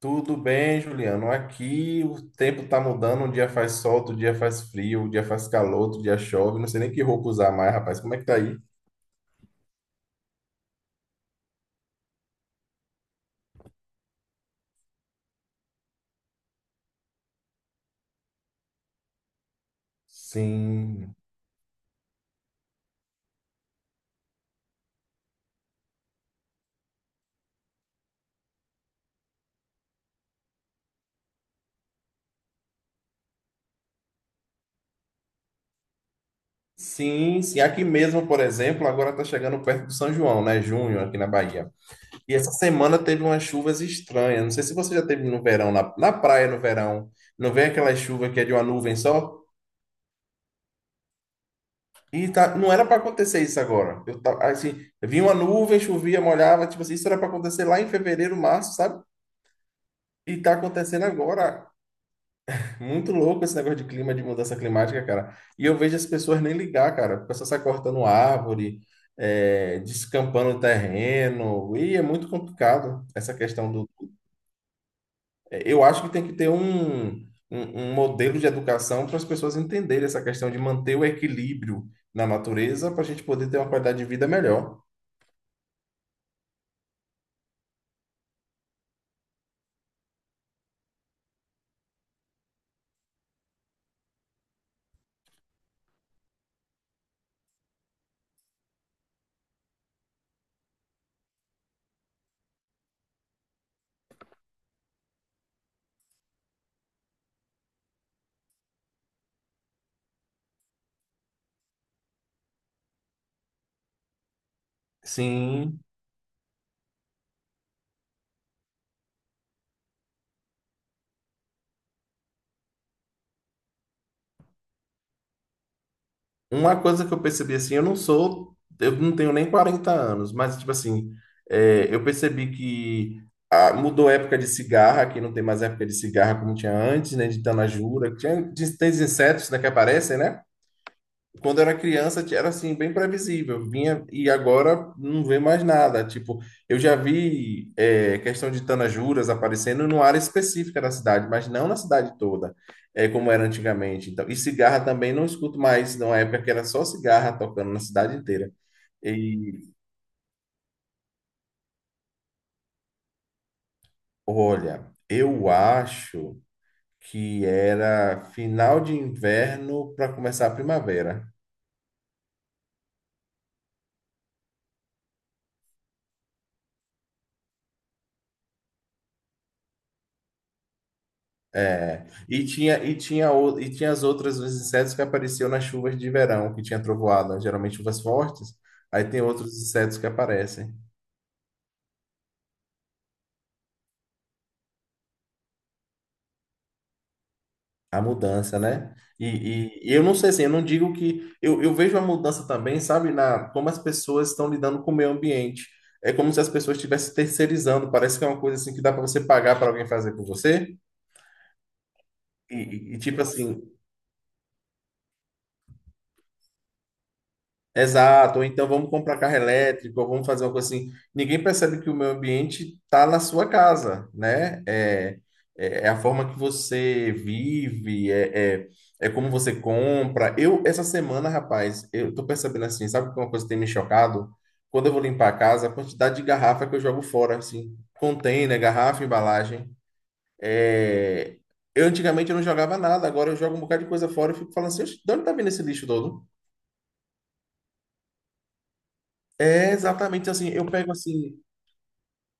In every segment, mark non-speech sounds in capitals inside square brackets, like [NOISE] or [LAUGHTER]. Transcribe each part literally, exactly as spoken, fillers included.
Tudo bem, Juliano? Aqui o tempo tá mudando, um dia faz sol, outro dia faz frio, um dia faz calor, outro dia chove. Não sei nem que roupa usar mais, rapaz. Como é que tá aí? Sim. Sim, sim. Aqui mesmo, por exemplo, agora tá chegando perto do São João, né? Junho, aqui na Bahia. E essa semana teve umas chuvas estranhas. Não sei se você já teve no verão, na, na praia no verão. Não vem aquela chuva que é de uma nuvem só? E tá, não era para acontecer isso agora. Eu tava, assim, vinha uma nuvem, chovia, molhava, tipo assim, isso era para acontecer lá em fevereiro, março, sabe? E tá acontecendo agora. Muito louco esse negócio de clima, de mudança climática, cara. E eu vejo as pessoas nem ligar, cara. O pessoal sai cortando árvore, é, descampando terreno. E é muito complicado essa questão. É, Eu acho que tem que ter um, um, um modelo de educação para as pessoas entenderem essa questão de manter o equilíbrio na natureza para a gente poder ter uma qualidade de vida melhor. Sim, uma coisa que eu percebi assim, eu não sou, eu não tenho nem quarenta anos, mas tipo assim, é, eu percebi que ah, mudou a época de cigarra, que não tem mais época de cigarra como tinha antes, né, de tanajura, que tinha, de- tem os insetos, né, que aparecem, né? Quando era criança, era assim bem previsível, vinha, e agora não vê mais nada. Tipo, eu já vi, é, questão de tanajuras aparecendo numa área específica da cidade, mas não na cidade toda, é como era antigamente. Então, e cigarra também não escuto mais numa época que era só cigarra tocando na cidade inteira. E olha, eu acho que era final de inverno para começar a primavera. É, e tinha, e tinha, o- e tinha as outras, os insetos que apareciam nas chuvas de verão, que tinha trovoada, geralmente chuvas fortes, aí tem outros insetos que aparecem. A mudança, né? E, e- e eu não sei assim, eu não digo que. Eu, eu vejo a mudança também, sabe, na como as pessoas estão lidando com o meio ambiente. É como se as pessoas estivessem terceirizando, parece que é uma coisa assim que dá para você pagar para alguém fazer por você. E, e- e, tipo assim, exato, ou então vamos comprar carro elétrico, ou vamos fazer uma coisa assim. Ninguém percebe que o meio ambiente está na sua casa, né? É, é é a forma que você vive, é, é, é como você compra. Eu, essa semana, rapaz, eu tô percebendo assim, sabe que uma coisa que tem me chocado? Quando eu vou limpar a casa, a quantidade de garrafa que eu jogo fora, assim, container, garrafa, embalagem. É, eu antigamente eu não jogava nada, agora eu jogo um bocado de coisa fora e fico falando assim, "Oxe, de onde tá vindo esse lixo todo? É exatamente assim. Eu pego assim,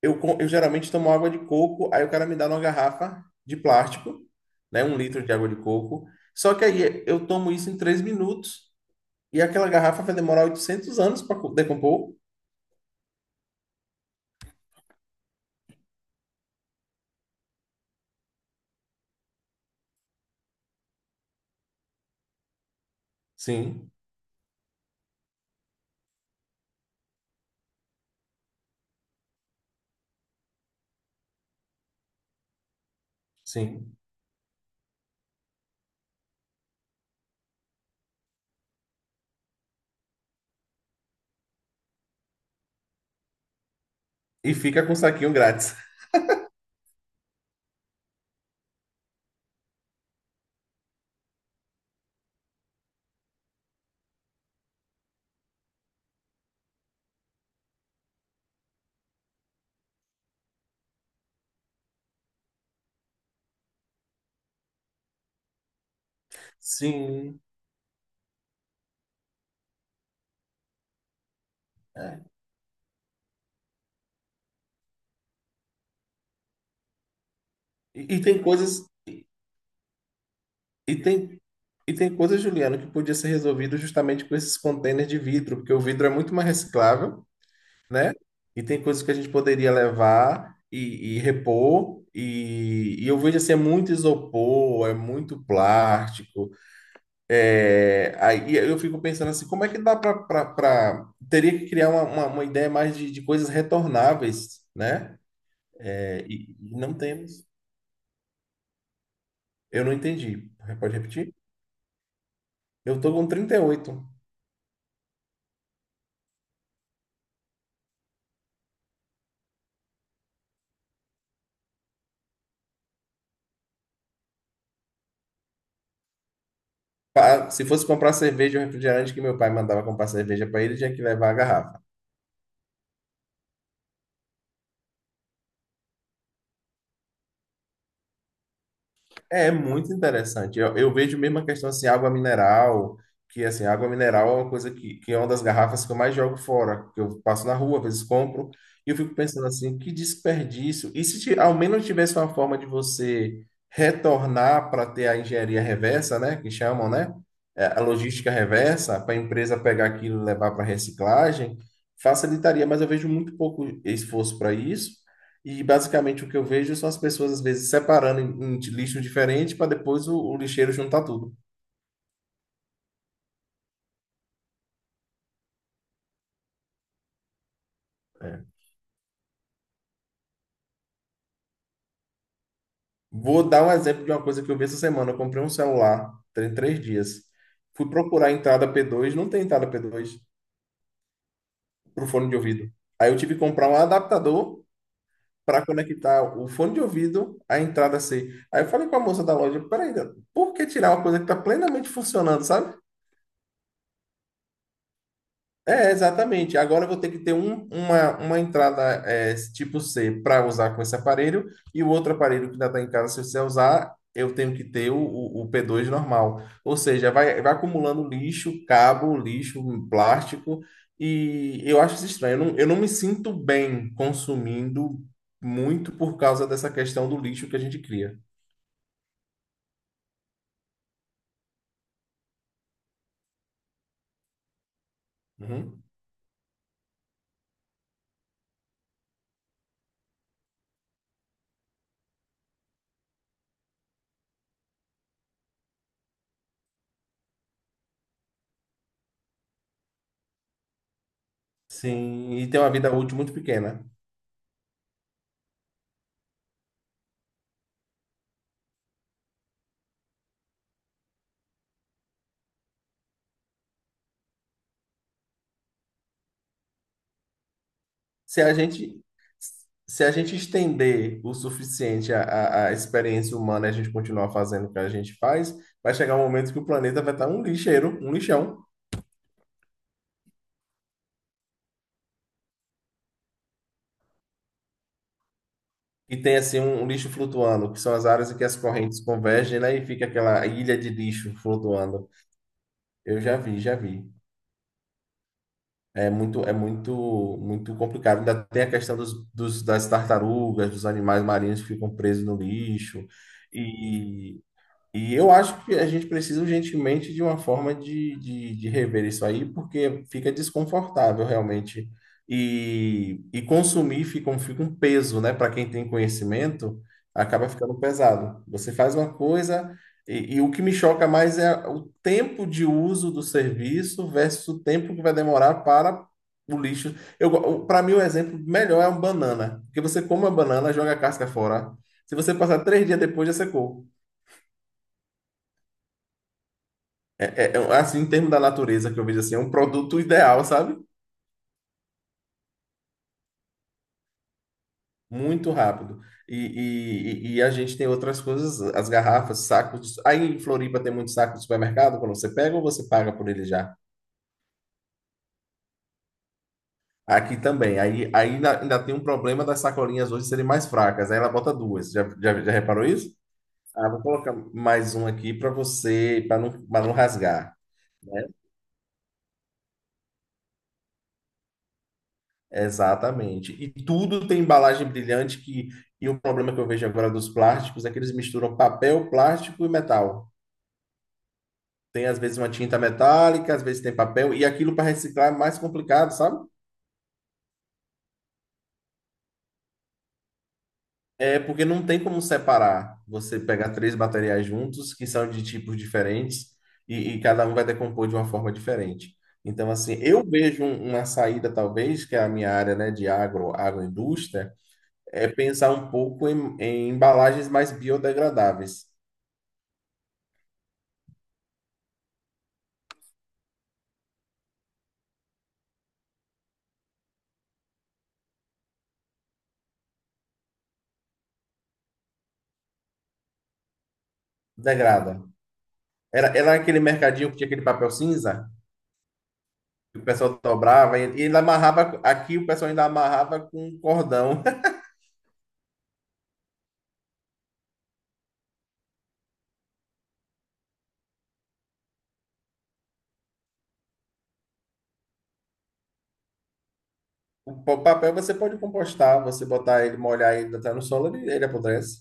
eu, com- eu geralmente tomo água de coco, aí o cara me dá uma garrafa de plástico, né? Um litro de água de coco. Só que aí eu tomo isso em três minutos e aquela garrafa vai demorar oitocentos anos para decompor. Sim, sim. E fica com o saquinho grátis. Sim, é. E, e tem coisas, e, e tem, e tem coisas, Juliano, que podia ser resolvido justamente com esses contêineres de vidro, porque o vidro é muito mais reciclável, né? E tem coisas que a gente poderia levar e, e repor. E, e eu vejo assim, é muito isopor, é muito plástico. É, aí eu fico pensando assim, como é que dá para... Teria que criar uma, uma, uma ideia mais de, de coisas retornáveis, né? É, e, e não temos. Eu não entendi. Pode repetir? Eu tô com trinta e oito. Pa- Se fosse comprar cerveja ou refrigerante que meu pai mandava comprar cerveja para ele, tinha que levar a garrafa. É muito interessante. Eu, eu vejo mesmo a questão assim, água mineral, que assim, água mineral é uma coisa que, que é uma das garrafas que eu mais jogo fora, que eu passo na rua, às vezes compro, e eu fico pensando assim, que desperdício. E se ti- ao menos tivesse uma forma de você retornar para ter a engenharia reversa, né, que chamam, né? É, a logística reversa, para a empresa pegar aquilo e levar para reciclagem, facilitaria, mas eu vejo muito pouco esforço para isso. E basicamente o que eu vejo são as pessoas às vezes separando em, em lixo diferente para depois o, o lixeiro juntar tudo. É. Vou dar um exemplo de uma coisa que eu vi essa semana. Eu comprei um celular, tem três dias. Fui procurar a entrada P dois, não tem entrada P dois para o fone de ouvido. Aí eu tive que comprar um adaptador para conectar o fone de ouvido à entrada C. Aí eu falei com a moça da loja, peraí, por que tirar uma coisa que está plenamente funcionando, sabe? É, exatamente. Agora eu vou ter que ter um- uma, uma entrada, é, tipo C, para usar com esse aparelho, e o outro aparelho que ainda está em casa, se você usar, eu tenho que ter o, o- o P dois normal. Ou seja, vai, vai acumulando lixo, cabo, lixo, plástico, e eu acho isso estranho. Eu não, eu não me sinto bem consumindo muito por causa dessa questão do lixo que a gente cria. Uhum. Sim, e tem uma vida útil muito pequena. se a gente se a gente estender o suficiente a, a, a experiência humana, e a gente continuar fazendo o que a gente faz, vai chegar um momento que o planeta vai estar um lixeiro, um lixão. E tem assim um, um lixo flutuando, que são as áreas em que as correntes convergem, né? E fica aquela ilha de lixo flutuando. Eu já vi, já vi. É muito, é muito, muito complicado. Ainda tem a questão dos, dos- das tartarugas, dos animais marinhos que ficam presos no lixo. E E eu acho que a gente precisa urgentemente de uma forma de, de, de rever isso aí, porque fica desconfortável realmente. E, e consumir fica um, fica um peso, né? Para quem tem conhecimento, acaba ficando pesado. Você faz uma coisa, e, e o que me choca mais é o tempo de uso do serviço versus o tempo que vai demorar para o lixo. Eu, para mim, o exemplo melhor é uma banana, porque você come a banana, joga a casca fora. Se você passar três dias depois, já secou. É, é, é, assim, em termos da natureza que eu vejo assim, é um produto ideal, sabe? Muito rápido. E, e, e a gente tem outras coisas, as garrafas, sacos. Aí em Floripa tem muito saco de supermercado, quando você pega ou você paga por ele já? Aqui também. Aí, aí ainda, ainda tem um problema das sacolinhas hoje serem mais fracas. Aí ela bota duas. Já, já, já reparou isso? Ah, vou colocar mais um aqui para você, para não, para não rasgar. Exatamente. E tudo tem embalagem brilhante que, e o problema que eu vejo agora dos plásticos é que eles misturam papel, plástico e metal. Tem às vezes uma tinta metálica, às vezes tem papel, e aquilo para reciclar é mais complicado, sabe? É porque não tem como separar. Você pegar três materiais juntos, que são de tipos diferentes, e, e cada um vai decompor de uma forma diferente. Então, assim, eu vejo um- uma, saída, talvez, que é a minha área, né, de agro, agroindústria, é pensar um pouco em, em embalagens mais biodegradáveis. Degrada. Era, era aquele mercadinho que tinha aquele papel cinza, que o pessoal dobrava e e ainda amarrava. Aqui o pessoal ainda amarrava com um cordão. [LAUGHS] O pa- papel você pode compostar, você botar ele, molhar ele, botar no solo, ele, ele apodrece.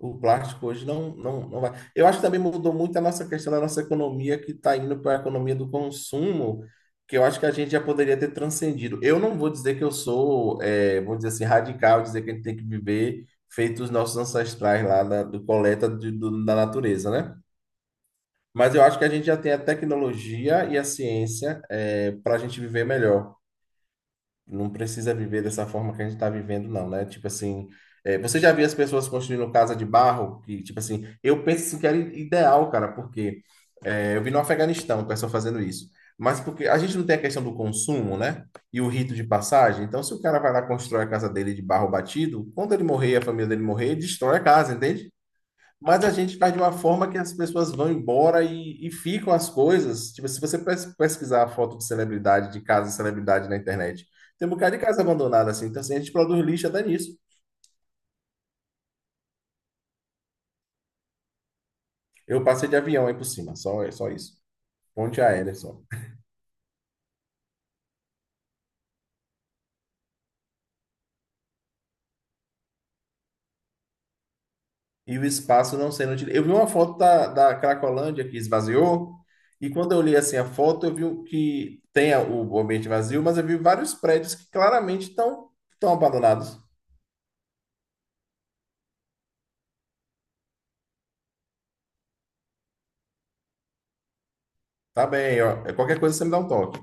O plástico hoje não, não, não vai. Eu acho que também mudou muito a nossa questão da nossa economia, que está indo para a economia do consumo, que eu acho que a gente já poderia ter transcendido. Eu não vou dizer que eu sou, eh, vou dizer assim, radical, dizer que a gente tem que viver feito os nossos ancestrais lá da, do coleta de- do- da natureza, né? Mas eu acho que a gente já tem a tecnologia e a ciência para a gente viver melhor. Não precisa viver dessa forma que a gente está vivendo, não, né? Tipo assim, é, você já viu as pessoas construindo casa de barro? Que, tipo assim, eu penso assim, que era ideal, cara, porque é, eu vi no Afeganistão o pessoal fazendo isso. Mas porque a gente não tem a questão do consumo, né? E o rito de passagem. Então, se o cara vai lá constrói a casa dele de barro batido, quando ele morrer, e a família dele morrer, ele destrói a casa, entende? Mas a gente faz de uma forma que as pessoas vão embora e, e ficam as coisas. Tipo, se você pes- pesquisar a foto de celebridade, de casa de celebridade na internet, tem um bocado de casa abandonada assim. Então, assim, a gente produz lixo até nisso. Eu passei de avião aí por cima, só, só isso. Ponte aérea só. E o espaço não sendo utilizado. Eu vi uma foto da, da Cracolândia que esvaziou, e quando eu li assim a foto, eu vi o que tem a- o ambiente vazio, mas eu vi vários prédios que claramente estão estão abandonados. Tá bem, ó, é qualquer coisa você me dá um toque.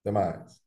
Até mais.